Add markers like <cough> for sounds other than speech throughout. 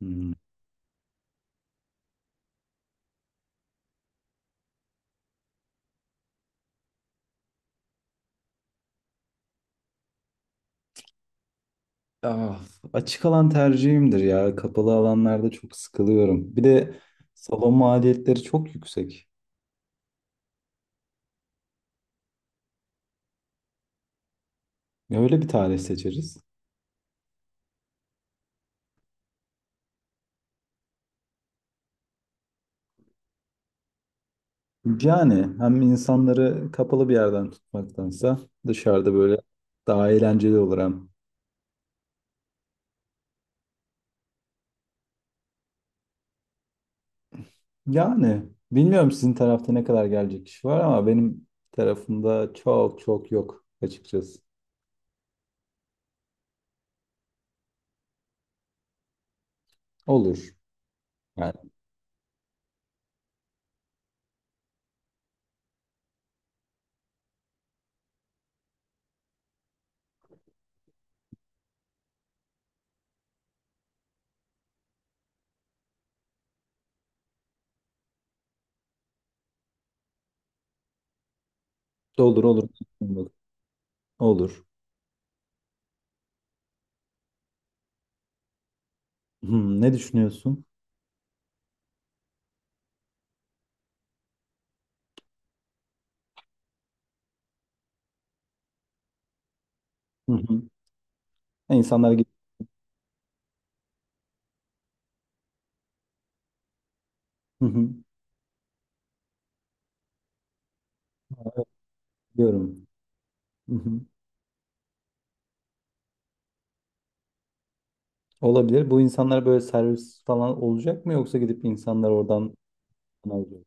Hmm. Ah, açık alan tercihimdir ya. Kapalı alanlarda çok sıkılıyorum. Bir de salon maliyetleri çok yüksek. Ya öyle bir tarih seçeriz. Yani hem insanları kapalı bir yerden tutmaktansa dışarıda böyle daha eğlenceli olur hem. Yani bilmiyorum sizin tarafta ne kadar gelecek kişi var ama benim tarafımda çok çok yok açıkçası. Olur. Yani olur olur. Olur. Ne düşünüyorsun? Hı hı. İnsanlar git. Hı hı. Diyorum. Hı hı. Olabilir. Bu insanlar böyle servis falan olacak mı, yoksa gidip insanlar oradan alıyor?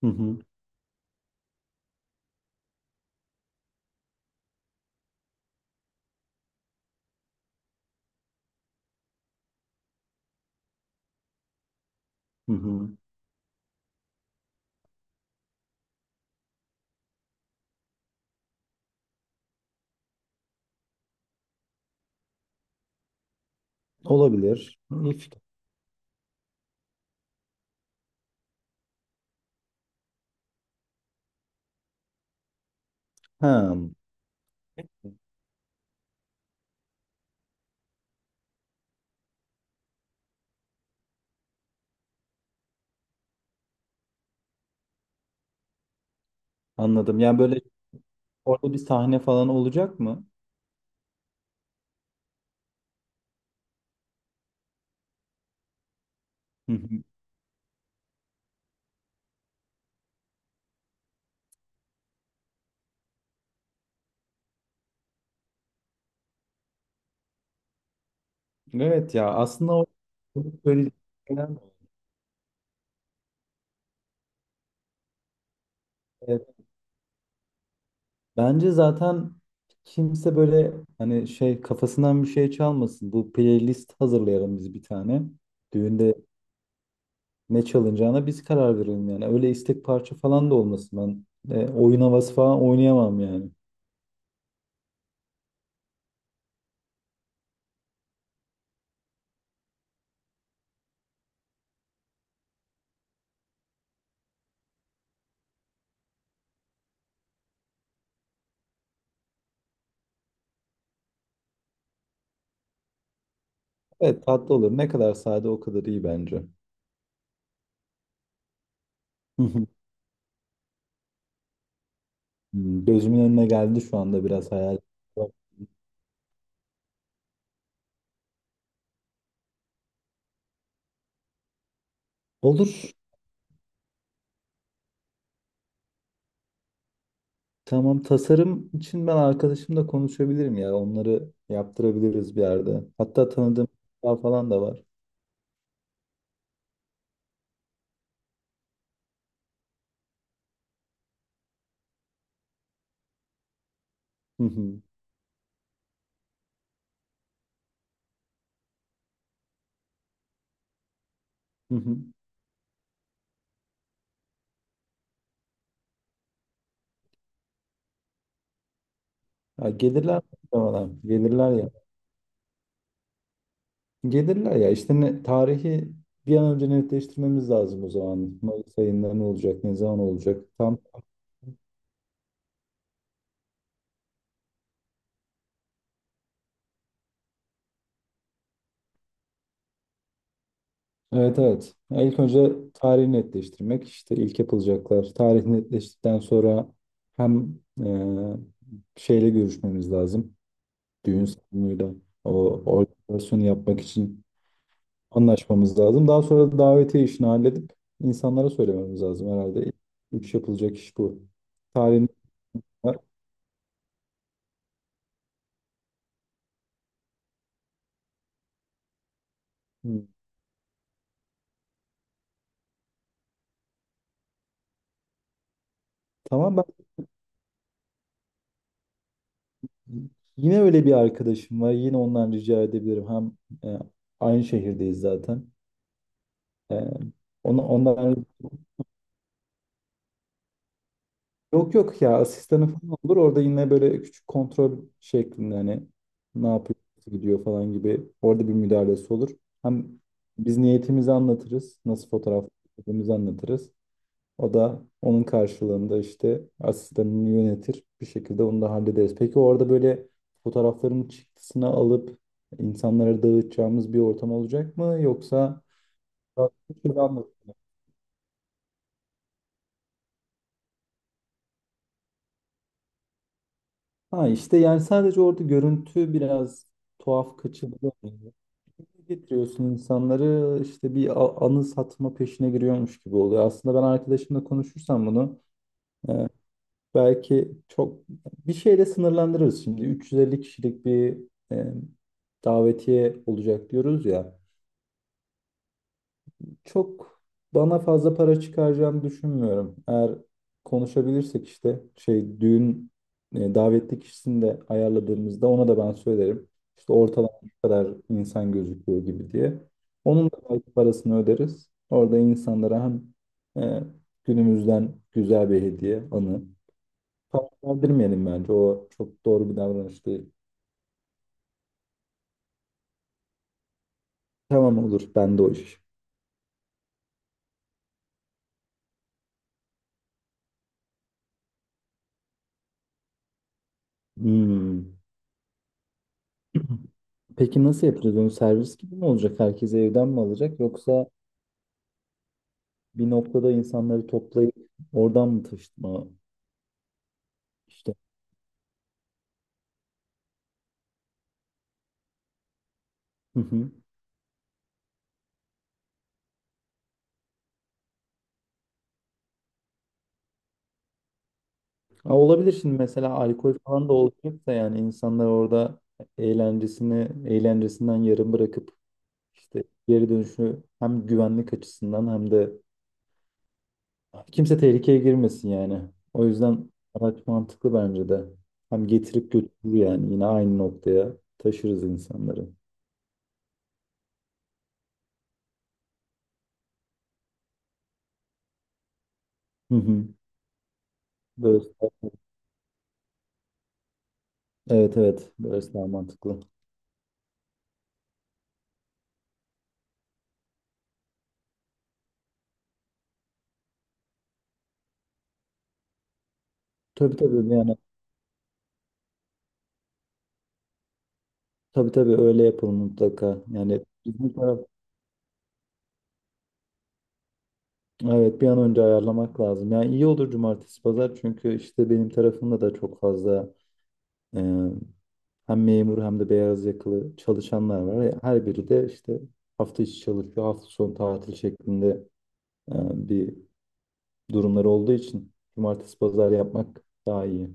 Hı hı. Hı hı. Olabilir. İyi fikir. Ha, anladım. Yani böyle orada bir sahne falan olacak mı? Hı hı. Evet ya, aslında o böyle. Evet. Bence zaten kimse böyle hani şey kafasından bir şey çalmasın. Bu playlist hazırlayalım biz bir tane. Düğünde ne çalınacağına biz karar verelim yani. Öyle istek parça falan da olmasın ben. Oyun havası falan oynayamam yani. Evet, tatlı olur. Ne kadar sade o kadar iyi bence. Hı hı. Gözümün önüne geldi şu anda biraz hayal. Olur. Tamam, tasarım için ben arkadaşımla konuşabilirim ya. Onları yaptırabiliriz bir yerde. Hatta tanıdığım daha falan da var. Hı hı, hı hı. Ya gelirler muhtemelen. Gelirler ya. Gelirler ya işte ne, tarihi bir an önce netleştirmemiz lazım o zaman. Mayıs ayında ne olacak, ne zaman olacak? Tam. Evet, evet. Ya ilk önce tarihi netleştirmek işte ilk yapılacaklar. Tarih netleştikten sonra hem e, şeyle görüşmemiz lazım. Düğün salonuyla o organizasyonu yapmak için anlaşmamız lazım. Daha sonra da davetiye işini halledip insanlara söylememiz lazım herhalde. Üç yapılacak iş bu. Tarihin. Hı. Tamam, ben yine öyle bir arkadaşım var. Yine ondan rica edebilirim. Hem e, aynı şehirdeyiz zaten. E, ondan yok yok ya, asistanı falan olur. Orada yine böyle küçük kontrol şeklinde hani ne yapıyor, nasıl gidiyor falan gibi orada bir müdahalesi olur. Hem biz niyetimizi anlatırız. Nasıl fotoğraf çektiğimizi anlatırız. O da onun karşılığında işte asistanını yönetir. Bir şekilde onu da hallederiz. Peki orada böyle fotoğrafların çıktısını alıp insanlara dağıtacağımız bir ortam olacak mı? Yoksa <laughs> farklı türlü anlatılır. Ha işte yani sadece orada görüntü biraz tuhaf kaçırılıyor. Getiriyorsun insanları, işte bir anı satma peşine giriyormuş gibi oluyor. Aslında ben arkadaşımla konuşursam bunu e, Belki çok bir şeyle sınırlandırırız şimdi. 350 kişilik bir e, davetiye olacak diyoruz ya. Çok bana fazla para çıkaracağını düşünmüyorum. Eğer konuşabilirsek işte şey düğün davetli kişisini de ayarladığımızda ona da ben söylerim. İşte ortalama bu kadar insan gözüküyor gibi diye. Onun da belki parasını öderiz. Orada insanlara hem e, günümüzden güzel bir hediye, anı. Verdirmeyelim bence. O çok doğru bir davranış değil. Tamam, olur. Ben de o iş. Hmm. Peki nasıl yapacağız onu? Servis gibi mi olacak? Herkes evden mi alacak? Yoksa bir noktada insanları toplayıp oradan mı taşıtma? İşte. Hı hı. Ha, olabilir şimdi mesela alkol falan da olacaksa, yani insanlar orada eğlencesini eğlencesinden yarım bırakıp işte geri dönüşü hem güvenlik açısından hem de kimse tehlikeye girmesin yani. O yüzden araç mantıklı bence de. Hem getirip götürür yani, yine aynı noktaya taşırız insanları. Hı hı. Böyle, evet evet, böyle daha mantıklı. Tabii tabii yani, tabii tabii öyle yapalım mutlaka. Yani bizim taraf. Evet, bir an önce ayarlamak lazım. Yani iyi olur cumartesi pazar çünkü işte benim tarafımda da çok fazla e, hem memur hem de beyaz yakalı çalışanlar var. Her biri de işte hafta içi çalışıyor, hafta sonu tatil şeklinde e, bir durumları olduğu için cumartesi pazar yapmak daha iyi.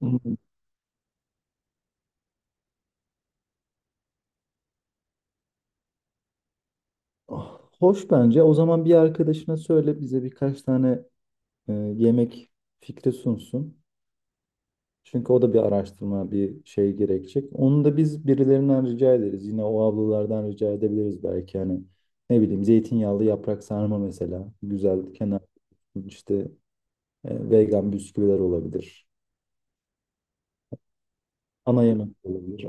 Hmm. Ah, hoş bence. O zaman bir arkadaşına söyle bize birkaç tane yemek fikri sunsun. Çünkü o da bir araştırma, bir şey gerekecek. Onu da biz birilerinden rica ederiz. Yine o ablalardan rica edebiliriz belki. Hani ne bileyim zeytinyağlı yaprak sarma mesela. Güzel kenar işte vegan bisküviler olabilir. Ana yemek olabilir.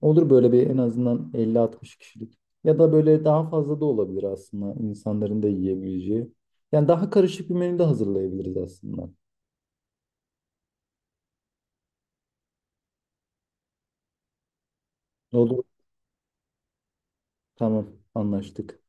Olur böyle bir en azından 50-60 kişilik. Ya da böyle daha fazla da olabilir aslında insanların da yiyebileceği. Yani daha karışık bir menü de hazırlayabiliriz aslında. Olur. Tamam, anlaştık.